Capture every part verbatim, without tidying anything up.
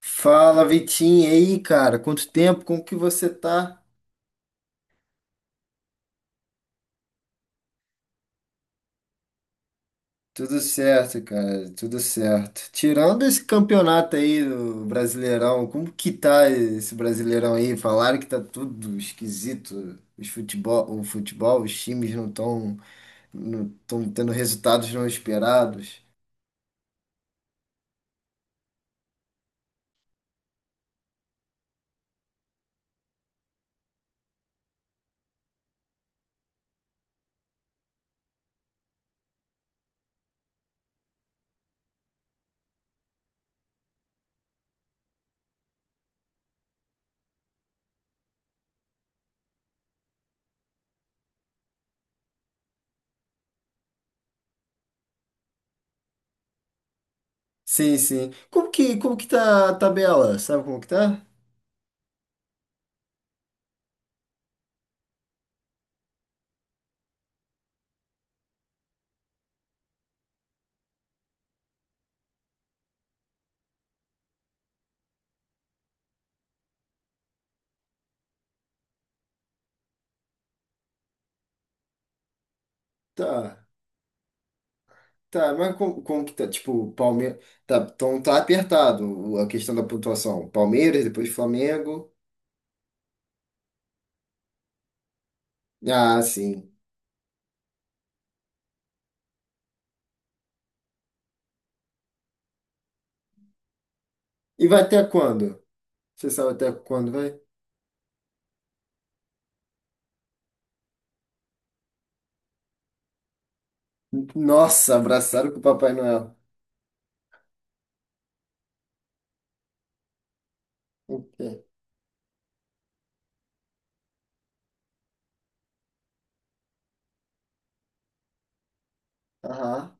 Fala, Vitinho, e aí, cara? Quanto tempo? Como que você tá? Tudo certo, cara, tudo certo. Tirando esse campeonato aí, o Brasileirão, como que tá esse Brasileirão aí? Falaram que tá tudo esquisito. Os futebol, o futebol, os times não estão não tão tendo resultados não esperados. Sim, sim. Como que, como que tá a tabela? Sabe como que tá? Tá. Tá, mas como, como que tá? Tipo, Palmeiras. Tá, então tá apertado o- a questão da pontuação. Palmeiras, depois Flamengo. Ah, sim. E vai até quando? Você sabe até quando vai? Nossa, abraçaram com o Papai Noel. O quê? Aham.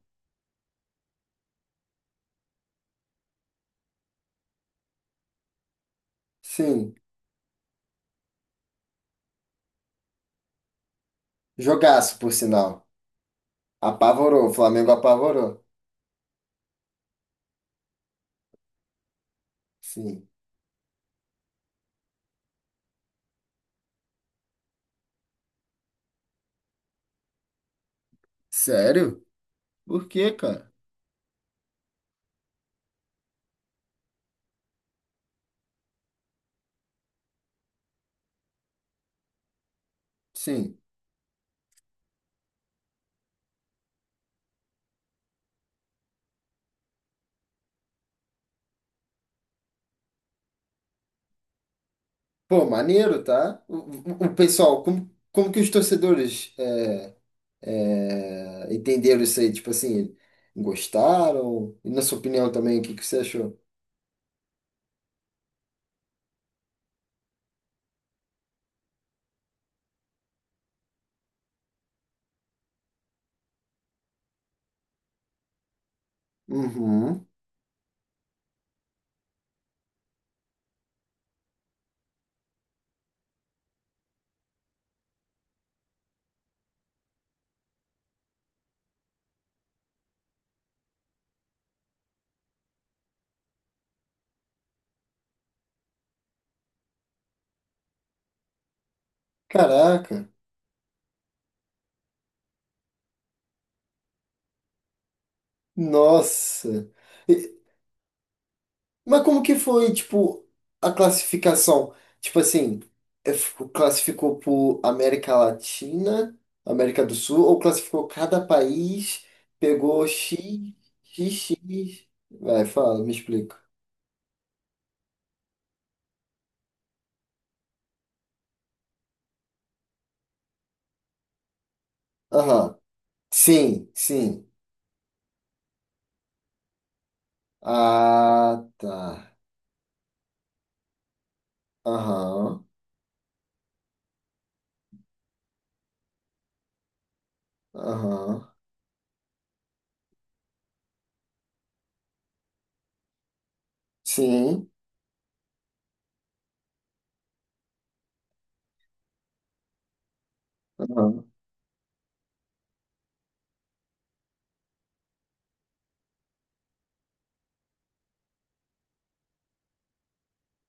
Sim. Jogaço, por sinal. Apavorou. O Flamengo apavorou. Sim. Sério? Por quê, cara? Sim. Pô, maneiro, tá? O, o- o pessoal, como, como que os torcedores. É, entenderam isso aí, tipo assim, gostaram? E na sua opinião também, o que que você achou? Uhum. Caraca, nossa. E- mas como que foi, tipo, a classificação? Tipo assim, é, f- classificou por América Latina, América do Sul, ou classificou cada país, pegou X, X, X. Vai, fala, me explica. Aham. Sim, sim. Ah, tá. Aham. Aham. Sim. Aham.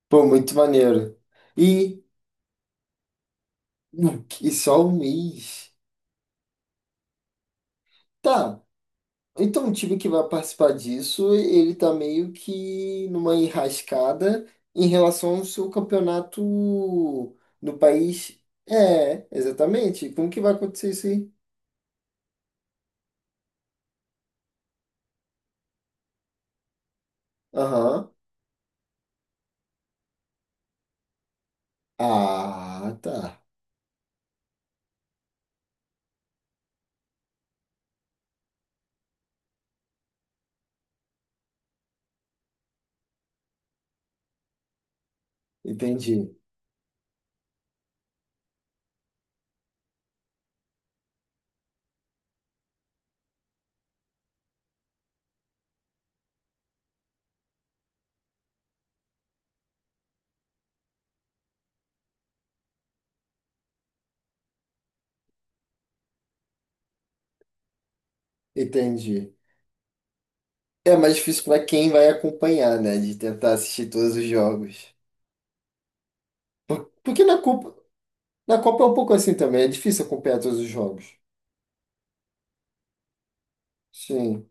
Pô, muito maneiro. E, e só um mês. Tá. Então o time que vai participar disso, ele tá meio que numa enrascada em relação ao seu campeonato no país. É, exatamente. Como que vai acontecer isso aí? Aham. Ah, tá. Entendi. Entendi. É mais difícil para quem vai acompanhar, né? De tentar assistir todos os jogos. Por- Porque na Copa, na Copa é um pouco assim também, é difícil acompanhar todos os jogos. Sim.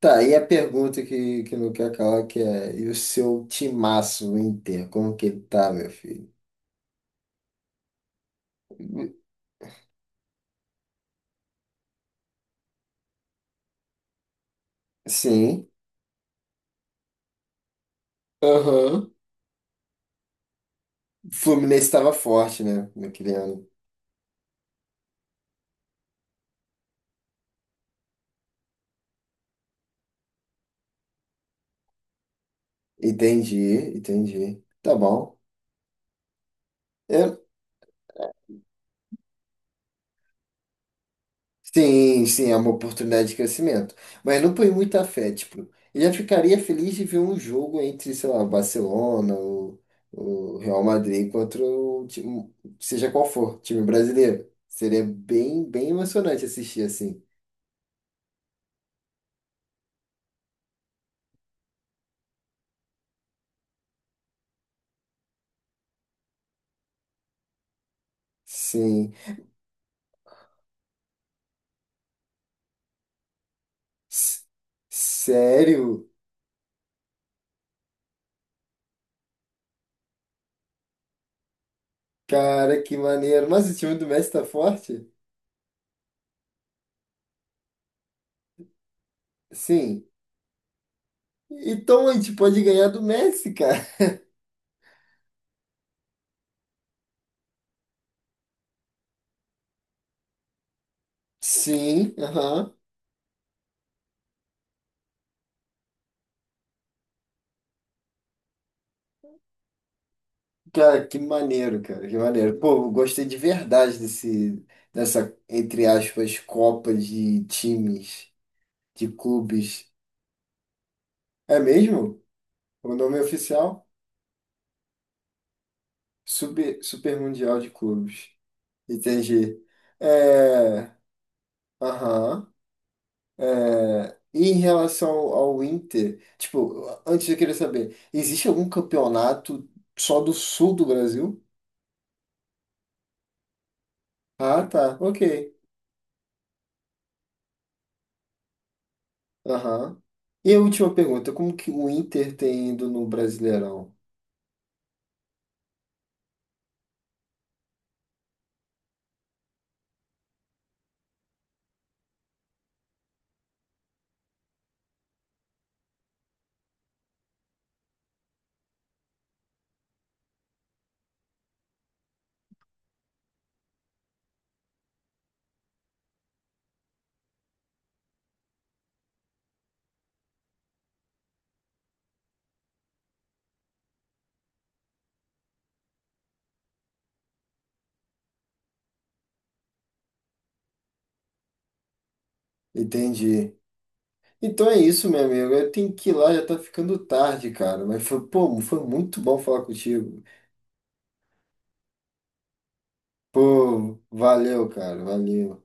Tá, e a pergunta que, que não quer calar, que é, e o seu timaço, o Inter, como que ele tá, meu filho? Sim, aham. O Fluminense estava forte, né, naquele ano. Entendi, entendi. Tá bom. Eu sim, sim, é uma oportunidade de crescimento. Mas não põe muita fé, tipo, eu já ficaria feliz de ver um jogo entre, sei lá, Barcelona ou o Real Madrid contra o time, seja qual for, time brasileiro. Seria bem, bem emocionante assistir assim. Sim. S- Sério? Cara, que maneiro. Mas o time do Messi tá forte? Sim. Então a gente pode ganhar do Messi, cara. Sim, aham. Cara, que maneiro, cara, que maneiro. Pô, eu gostei de verdade desse, dessa, entre aspas, Copa de times, de clubes. É mesmo? O nome oficial? Super, Super Mundial de Clubes. Entendi. É, aham. É, e em relação ao Inter, tipo, antes eu queria saber, existe algum campeonato só do sul do Brasil? Ah, tá, ok. Aham. E a última pergunta, como que o Inter tem indo no Brasileirão? Entendi. Então é isso, meu amigo. Eu tenho que ir lá, já tá ficando tarde, cara. Mas foi, pô, foi muito bom falar contigo. Pô, valeu, cara. Valeu.